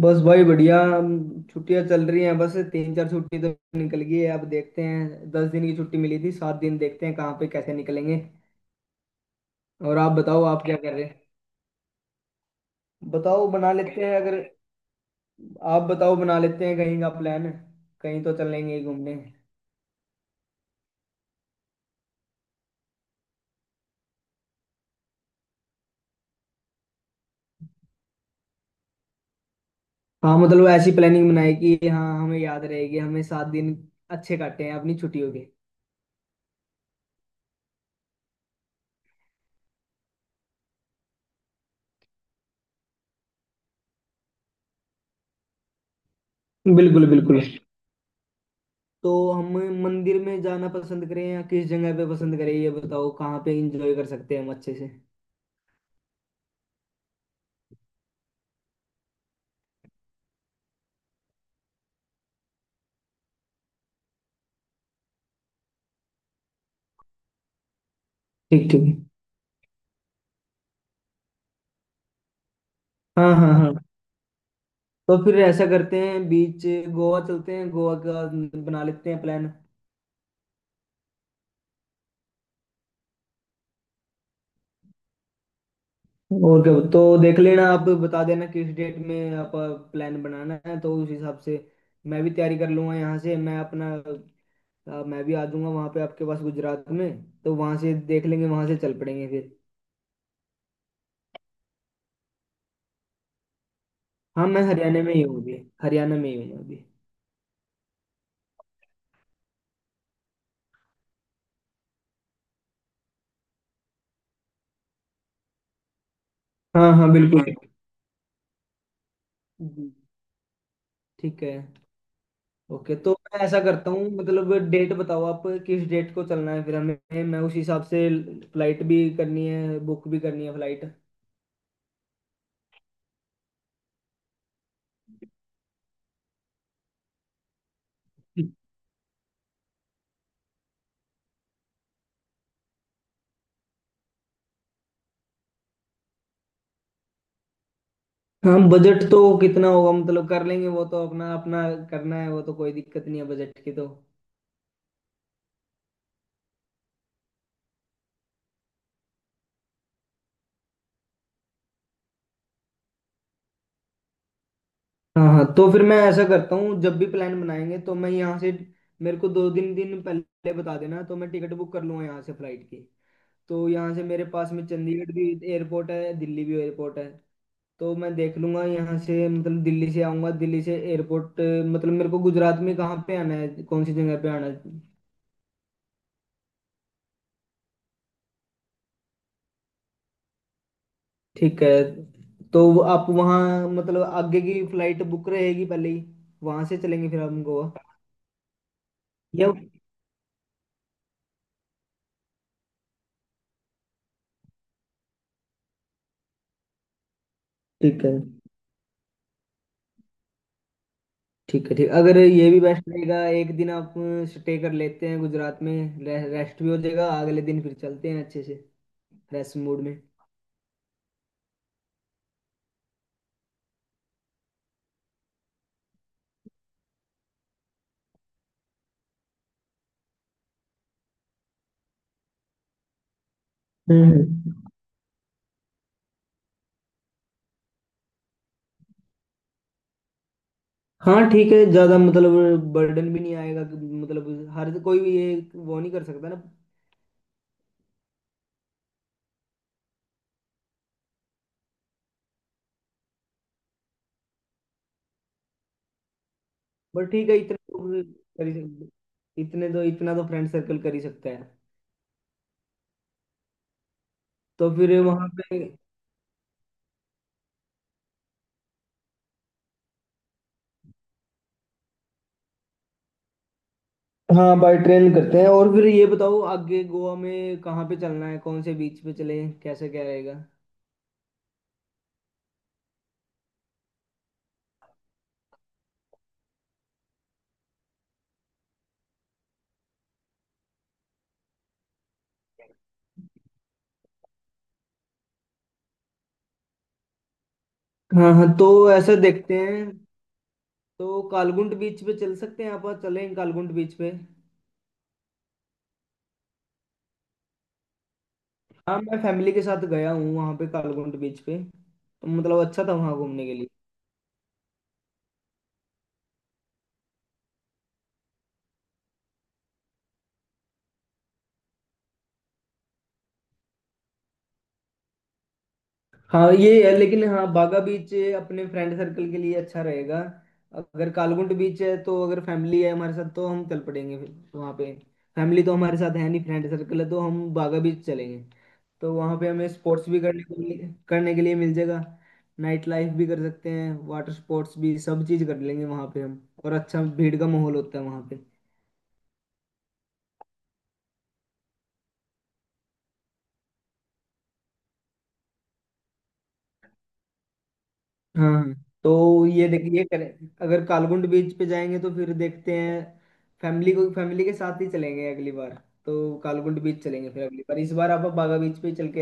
बस भाई बढ़िया छुट्टियां चल रही हैं। बस तीन चार छुट्टी तो निकल गई है। अब देखते हैं, 10 दिन की छुट्टी मिली थी, 7 दिन देखते हैं कहाँ पे कैसे निकलेंगे। और आप बताओ, आप क्या कर रहे हैं? बताओ, बना लेते हैं अगर। आप बताओ, बना लेते हैं कहीं का प्लान। कहीं तो चलेंगे घूमने। हाँ मतलब ऐसी प्लानिंग बनाए कि हाँ, हमें याद रहेगी, हमें 7 दिन अच्छे काटे हैं अपनी छुट्टियों के। बिल्कुल बिल्कुल। तो हम मंदिर में जाना पसंद करें या किस जगह पे पसंद करें, ये बताओ कहाँ पे एंजॉय कर सकते हैं हम अच्छे से। ठीक ठीक। हाँ हाँ हाँ। तो फिर ऐसा करते हैं बीच, गोवा चलते हैं, गोवा का बना लेते हैं प्लान। और क्या, तो देख लेना, आप बता देना किस डेट में आप प्लान बनाना है, तो उस हिसाब से मैं भी तैयारी कर लूंगा यहाँ से मैं अपना। मैं भी आ जाऊंगा वहाँ पे आपके पास गुजरात में, तो वहाँ से देख लेंगे वहाँ से चल पड़ेंगे फिर। हाँ, मैं हरियाणा में ही हूँ अभी, हरियाणा में ही हूँ अभी। हाँ हाँ बिल्कुल। जी। ठीक है। ओके, तो मैं ऐसा करता हूँ, मतलब डेट बताओ आप किस डेट को चलना है, फिर हमें मैं उस हिसाब से फ्लाइट भी करनी है, बुक भी करनी है फ्लाइट। हम बजट तो कितना होगा मतलब कर लेंगे, वो तो अपना अपना करना है, वो तो कोई दिक्कत नहीं है बजट की तो। हाँ हाँ, तो फिर मैं ऐसा करता हूँ, जब भी प्लान बनाएंगे तो मैं यहाँ से मेरे को दो दिन दिन पहले बता देना, तो मैं टिकट बुक कर लूँगा यहाँ से फ्लाइट की। तो यहाँ से मेरे पास में चंडीगढ़ भी एयरपोर्ट है, दिल्ली भी एयरपोर्ट है। तो मैं देख लूंगा यहाँ से, मतलब दिल्ली से आऊंगा, दिल्ली से एयरपोर्ट। मतलब मेरे को गुजरात में कहाँ पे आना है, कौन सी जगह पे आना है? ठीक है। तो वो आप वहाँ मतलब आगे की फ्लाइट बुक रहेगी पहले ही, वहां से चलेंगे फिर हम गोवा। या ठीक है। ठीक है, ठीक अगर ये भी बेस्ट रहेगा, एक दिन आप स्टे कर लेते हैं गुजरात में, रेस्ट भी हो जाएगा, अगले दिन फिर चलते हैं अच्छे से फ्रेश मूड में। हम्म। हाँ ठीक है, ज्यादा मतलब बर्डन भी नहीं आएगा कि मतलब हर कोई भी ये वो नहीं कर सकता ना। बट ठीक है, इतना तो कर ही सकते, इतने तो इतना तो फ्रेंड सर्कल कर ही सकता है। तो फिर वहां पे। हाँ, बाय ट्रेन करते हैं, और फिर ये बताओ आगे गोवा में कहाँ पे चलना है, कौन से बीच पे चले, कैसे क्या रहेगा? हाँ हाँ, तो ऐसा देखते हैं, तो कालगुंड बीच पे चल सकते हैं, आप चलें कालगुंड बीच पे। हाँ मैं फैमिली के साथ गया हूँ वहाँ पे, कालगुंड बीच पे, तो मतलब अच्छा था वहाँ घूमने के लिए। हाँ, ये है, लेकिन हाँ बागा बीच अपने फ्रेंड सर्कल के लिए अच्छा रहेगा। अगर कालगुंड बीच है तो अगर फैमिली है हमारे साथ तो हम चल पड़ेंगे फिर वहाँ पे। फैमिली तो हमारे साथ है नहीं, फ्रेंड सर्कल है, तो हम बागा बीच चलेंगे। तो वहाँ पे हमें स्पोर्ट्स भी करने के लिए मिल जाएगा। नाइट लाइफ भी कर सकते हैं, वाटर स्पोर्ट्स भी, सब चीज़ कर लेंगे वहाँ पे हम, और अच्छा भीड़ का माहौल होता है वहाँ पे। हाँ, तो ये देखिए करें, अगर कालगुंड बीच पे जाएंगे तो फिर देखते हैं, फैमिली को फैमिली के साथ ही चलेंगे अगली बार। तो कालगुंड बीच चलेंगे फिर अगली बार, इस बार आप बागा बीच पे ही चल के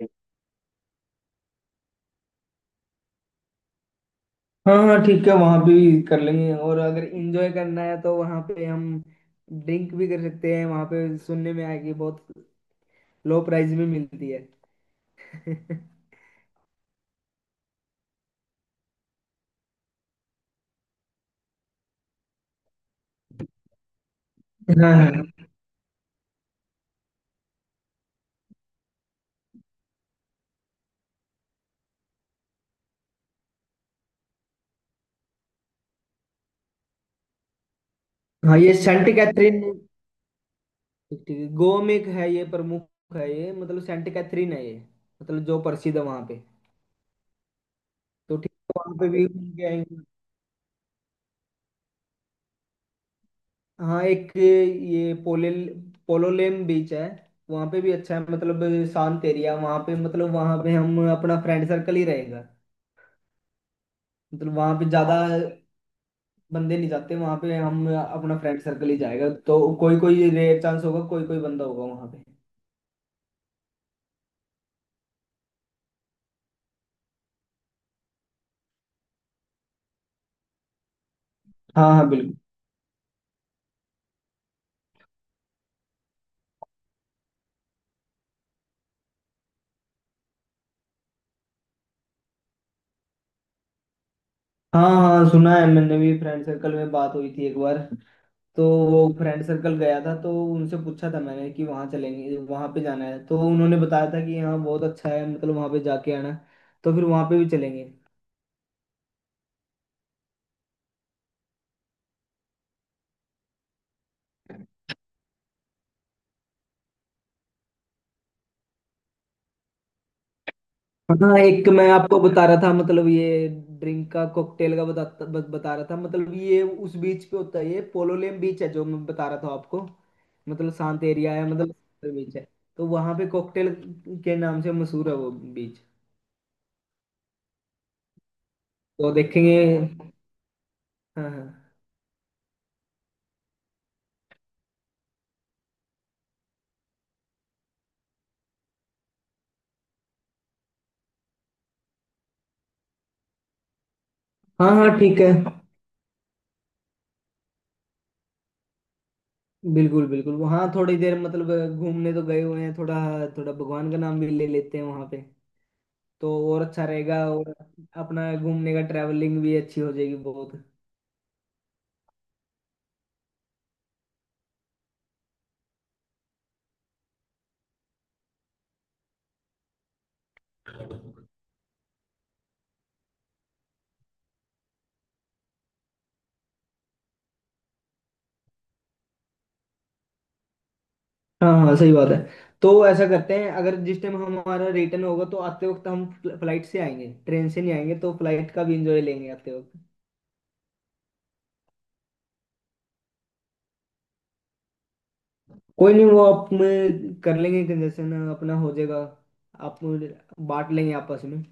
आएंगे। हाँ हाँ ठीक है, वहां पे भी कर लेंगे, और अगर इंजॉय करना है तो वहां पे हम ड्रिंक भी कर सकते हैं, वहां पे सुनने में आया कि बहुत लो प्राइस में मिलती है। हाँ हाँ। हाँ, ये सेंट कैथरीन, ठीक ठीक है, गोवा में एक है, ये प्रमुख है, ये मतलब सेंट कैथरीन है ये, मतलब जो प्रसिद्ध है वहां पे। तो ठीक है, वहाँ पे भी घूम के आएंगे। हाँ एक ये पोले पोलोलेम बीच है, वहाँ पे भी अच्छा है, मतलब शांत एरिया, वहाँ पे मतलब वहाँ पे हम अपना फ्रेंड सर्कल ही रहेगा। मतलब वहाँ पे ज्यादा बंदे नहीं जाते, वहाँ पे हम अपना फ्रेंड सर्कल ही जाएगा, तो कोई कोई रेयर चांस होगा, कोई कोई बंदा होगा वहाँ पे। हाँ हाँ बिल्कुल। हाँ हाँ सुना है, मैंने भी फ्रेंड सर्कल में बात हुई थी एक बार, तो वो फ्रेंड सर्कल गया था तो उनसे पूछा था मैंने कि वहाँ चलेंगे वहाँ पे जाना है, तो उन्होंने बताया था कि हाँ बहुत अच्छा है, मतलब वहाँ पे जाके आना। तो फिर वहाँ पे भी चलेंगे। हाँ एक मैं आपको बता रहा था मतलब ये ड्रिंक का कॉकटेल का बता रहा था, मतलब ये उस बीच पे होता है, ये पोलोलेम बीच है जो मैं बता रहा था आपको। मतलब शांत एरिया है, मतलब बीच है। तो वहाँ पे कॉकटेल के नाम से मशहूर है वो बीच, तो देखेंगे। हाँ हाँ। हाँ हाँ ठीक है। बिल्कुल बिल्कुल, वहाँ थोड़ी देर मतलब घूमने तो गए हुए हैं, थोड़ा थोड़ा भगवान का नाम भी ले लेते हैं वहाँ पे, तो और अच्छा रहेगा, और अपना घूमने का ट्रैवलिंग भी अच्छी हो जाएगी बहुत। हाँ हाँ सही बात है। तो ऐसा करते हैं, अगर जिस टाइम हमारा रिटर्न होगा तो आते वक्त हम फ्लाइट से आएंगे, ट्रेन से नहीं आएंगे, तो फ्लाइट का भी इंजॉय लेंगे आते वक्त। कोई नहीं, वो आप में कर लेंगे कंजेशन, अपना हो जाएगा, आप बांट लेंगे आपस में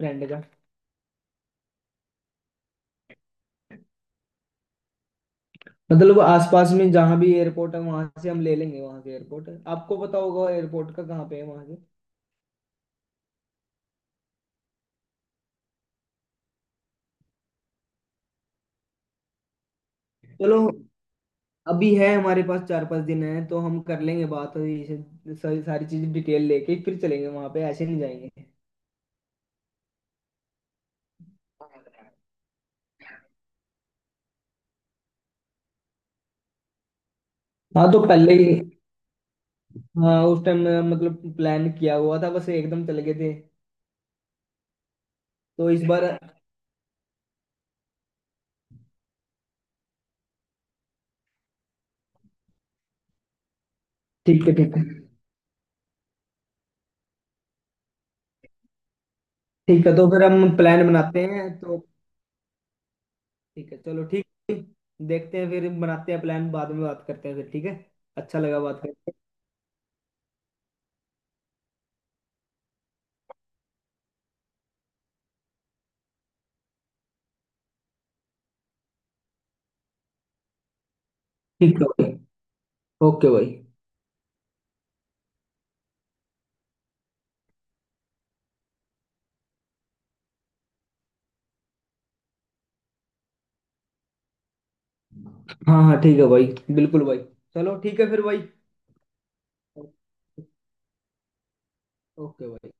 फ्रेंड का। मतलब आसपास में जहाँ भी एयरपोर्ट है वहां से हम ले लेंगे, वहां से एयरपोर्ट है, आपको पता होगा एयरपोर्ट का कहाँ पे है वहां से। चलो, अभी है हमारे पास 4 5 दिन है, तो हम कर लेंगे बात और ये सारी सारी चीज डिटेल लेके फिर चलेंगे वहां पे, ऐसे नहीं जाएंगे। हाँ तो पहले ही, हाँ उस टाइम मतलब प्लान किया हुआ था, बस एकदम चले गए थे। तो इस बार ठीक है ठीक है। ठीक है तो फिर हम प्लान बनाते हैं तो। ठीक है, चलो ठीक है, देखते हैं फिर बनाते हैं प्लान, बाद में बात करते हैं फिर, ठीक है। अच्छा लगा बात करके। ठीक है भाई। ओके भाई। हाँ हाँ ठीक है भाई, बिल्कुल भाई, चलो ठीक है फिर भाई। ओके भाई।